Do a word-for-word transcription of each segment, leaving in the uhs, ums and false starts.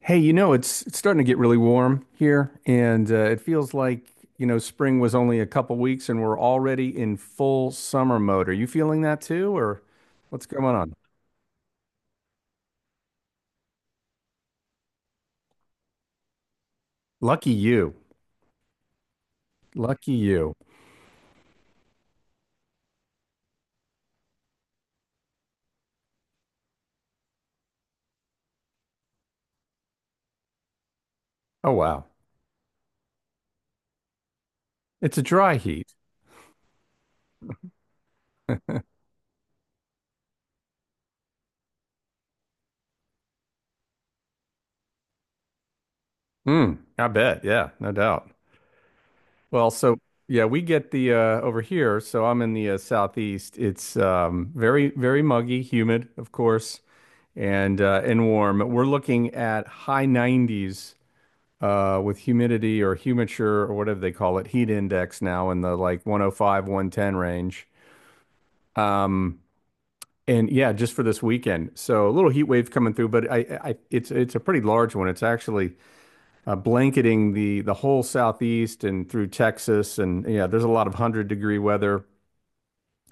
Hey, you know, it's it's starting to get really warm here, and uh, it feels like, you know, spring was only a couple weeks and we're already in full summer mode. Are you feeling that too, or what's going on? Lucky you. Lucky you. Oh, wow. It's a dry heat. Mm, I bet. Yeah, no doubt. Well, so yeah, we get the uh, over here. So I'm in the uh, southeast. It's um, very, very muggy, humid, of course, and uh, and warm. We're looking at high nineties uh, with humidity or humiture or whatever they call it, heat index now in the, like, one oh five, one ten range. Um, and yeah, just for this weekend. So a little heat wave coming through, but I, I it's it's a pretty large one. It's actually uh, blanketing the the whole southeast and through Texas, and yeah, there's a lot of hundred degree weather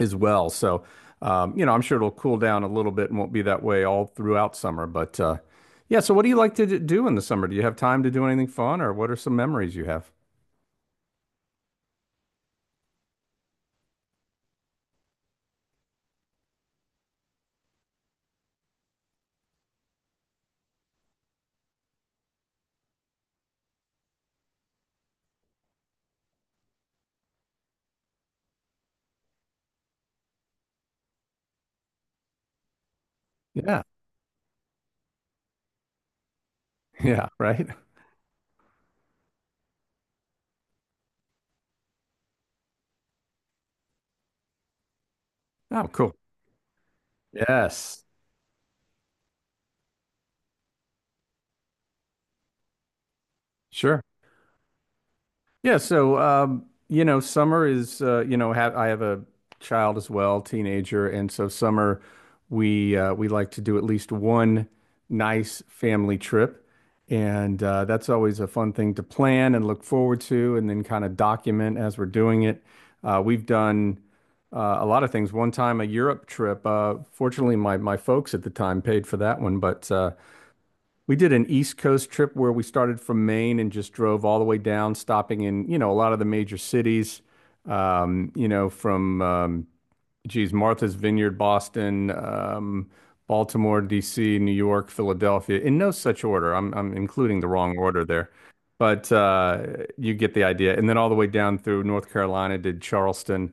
as well. So um, you know, I'm sure it'll cool down a little bit and won't be that way all throughout summer. But uh, yeah, so what do you like to d- do in the summer? Do you have time to do anything fun, or what are some memories you have? Yeah. Yeah, right. Oh, cool. Yes, sure. Yeah, so um, you know, summer is uh, you know, have I have a child as well, teenager, and so summer we uh, we like to do at least one nice family trip, and uh, that's always a fun thing to plan and look forward to, and then kind of document as we're doing it. Uh, we've done uh, a lot of things. One time, a Europe trip. Uh, fortunately, my my folks at the time paid for that one, but uh, we did an East Coast trip where we started from Maine and just drove all the way down, stopping in, you know, a lot of the major cities, um, you know, from, um, geez, Martha's Vineyard, Boston, um, Baltimore, D C, New York, Philadelphia, in no such order. I'm, I'm including the wrong order there. But uh, you get the idea. And then all the way down through North Carolina, did Charleston,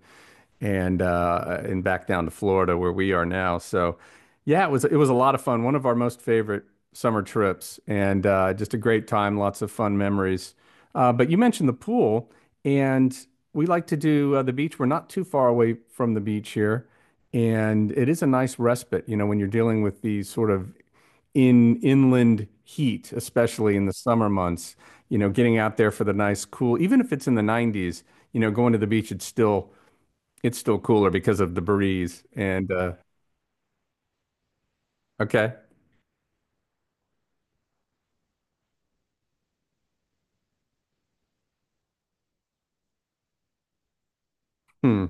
and uh, and back down to Florida where we are now. So yeah, it was it was a lot of fun. One of our most favorite summer trips, and uh, just a great time. Lots of fun memories. Uh, but you mentioned the pool, and we like to do uh, the beach. We're not too far away from the beach here, and it is a nice respite. You know, when you're dealing with these sort of in inland heat, especially in the summer months. You know, getting out there for the nice cool, even if it's in the nineties. You know, going to the beach, it's still it's still cooler because of the breeze. And uh, Okay, hmm,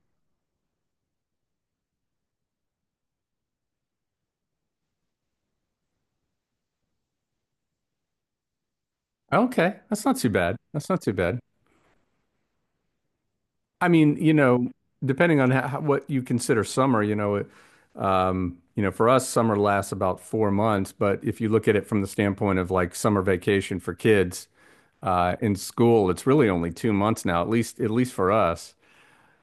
okay, that's not too bad. That's not too bad. I mean, you know, depending on how, what you consider summer, you know, it, um, you know, for us, summer lasts about four months. But if you look at it from the standpoint of, like, summer vacation for kids uh, in school, it's really only two months now, at least at least for us.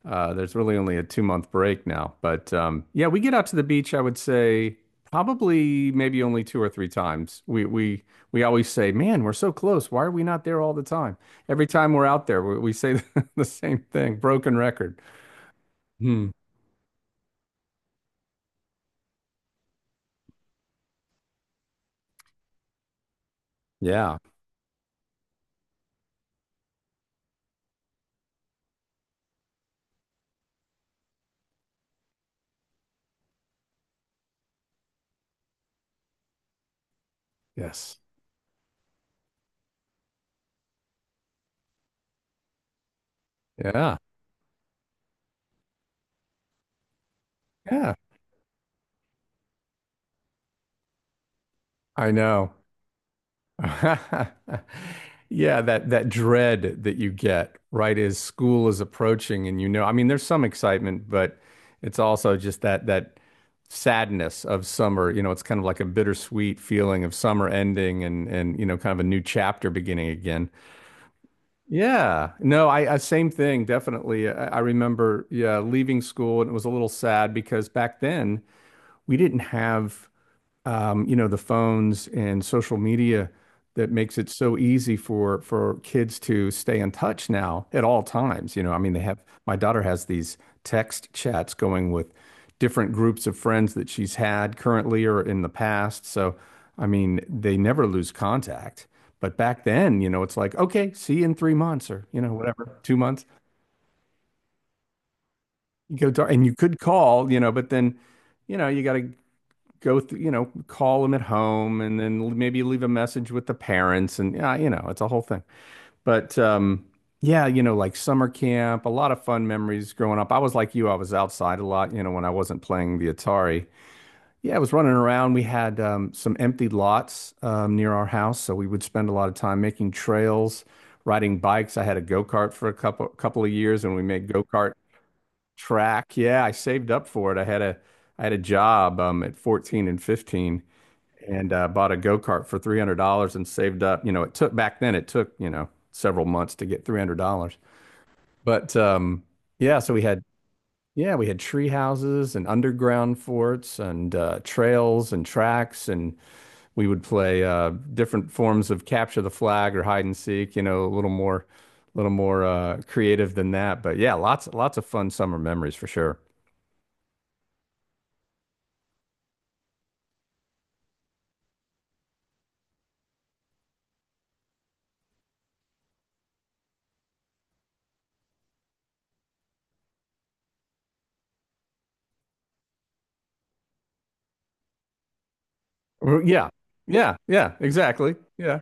Uh, there's really only a two month break now, but um, yeah, we get out to the beach. I would say probably maybe only two or three times. We we we always say, "Man, we're so close. Why are we not there all the time?" Every time we're out there, we, we say the same thing, broken record. Hmm. Yeah. Yes. Yeah. Yeah. I know. Yeah, that that dread that you get right as school is approaching, and, you know, I mean, there's some excitement, but it's also just that that sadness of summer. You know, it's kind of like a bittersweet feeling of summer ending and and you know, kind of a new chapter beginning again. Yeah. No, I, I same thing, definitely. I, I remember, yeah, leaving school and it was a little sad because back then we didn't have, um, you know, the phones and social media that makes it so easy for for kids to stay in touch now at all times. You know, I mean, they have my daughter has these text chats going with different groups of friends that she's had currently or in the past. So, I mean, they never lose contact. But back then, you know, it's like, okay, see you in three months or, you know, whatever, two months. You go to, and you could call, you know, but then, you know, you got to go through, you know, call them at home and then maybe leave a message with the parents, and yeah, you know, it's a whole thing. But um yeah, you know, like summer camp, a lot of fun memories growing up. I was like you, I was outside a lot, you know, when I wasn't playing the Atari. Yeah, I was running around. We had um, some empty lots um, near our house, so we would spend a lot of time making trails, riding bikes. I had a go-kart for a couple couple of years and we made go-kart track. Yeah, I saved up for it. I had a I had a job um, at fourteen and fifteen and uh, bought a go kart for three hundred dollars and saved up. You know, it took back then it took you know several months to get three hundred dollars, but um, yeah. So we had yeah we had tree houses and underground forts and uh, trails and tracks, and we would play uh, different forms of capture the flag or hide and seek. You know, a little more, a little more uh, creative than that. But yeah, lots lots of fun summer memories for sure. Yeah, yeah, yeah, exactly. Yeah.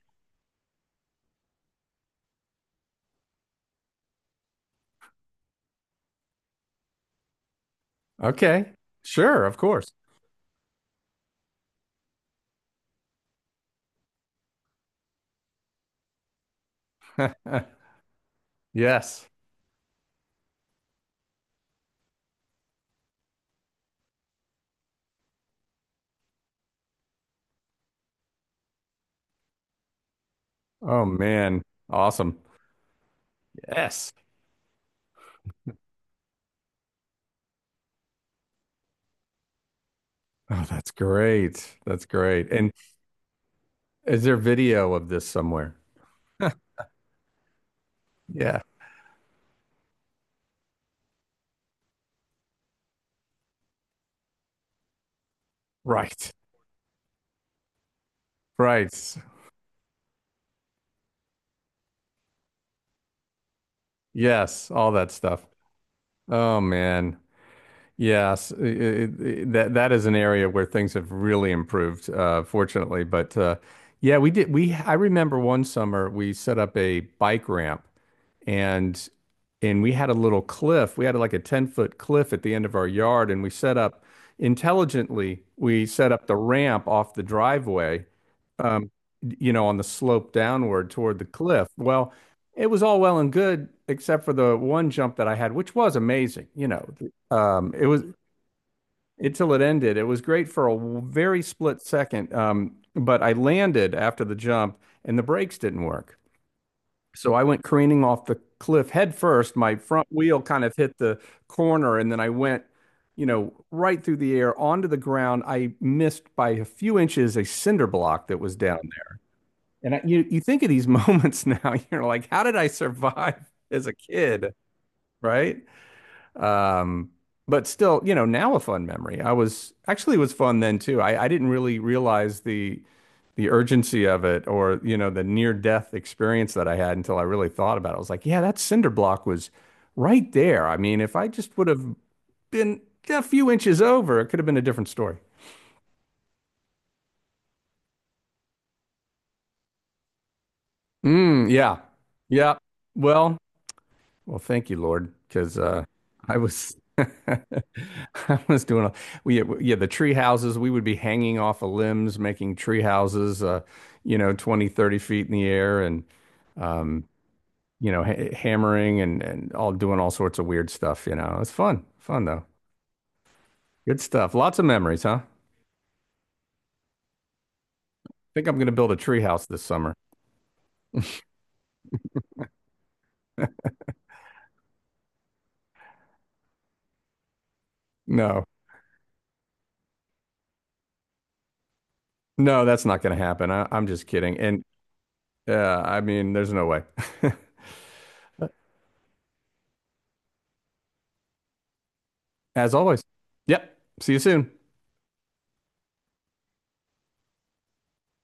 Okay. Sure, of course. Yes. Oh man. Awesome. Yes. Oh, that's great. That's great. And is there video of this somewhere? Yeah. Right. Right. Yes. All that stuff. Oh man. Yes, i- i- i- that that is an area where things have really improved, uh, fortunately. But uh, yeah, we did. We I remember one summer we set up a bike ramp, and and we had a little cliff. We had like a ten foot cliff at the end of our yard, and we set up intelligently. We set up the ramp off the driveway, um, you know, on the slope downward toward the cliff. Well, it was all well and good, except for the one jump that I had, which was amazing. You know, um, it was until it ended. It was great for a w- very split second. Um, but I landed after the jump and the brakes didn't work. So I went careening off the cliff head first. My front wheel kind of hit the corner and then I went, you know, right through the air onto the ground. I missed by a few inches a cinder block that was down there. And I, you, you think of these moments now, you're like, how did I survive as a kid? Right? Um, but still, you know, now a fun memory. I was actually it was fun then too. I, I didn't really realize the the urgency of it or, you know, the near death experience that I had until I really thought about it. I was like, yeah, that cinder block was right there. I mean, if I just would have been a few inches over, it could have been a different story. Mm, yeah. Yeah. Well, Well, thank you, Lord, because uh, I was I was doing a, we yeah, the tree houses, we would be hanging off of limbs making tree houses, uh, you know twenty thirty feet in the air, and um, you know, ha hammering, and and all, doing all sorts of weird stuff. You know, it's fun fun though, good stuff, lots of memories, huh? Think I'm gonna build a tree house this summer. No, no, that's not gonna happen. I, I'm just kidding, and uh, I mean, there's no way. As always. Yep, see you soon.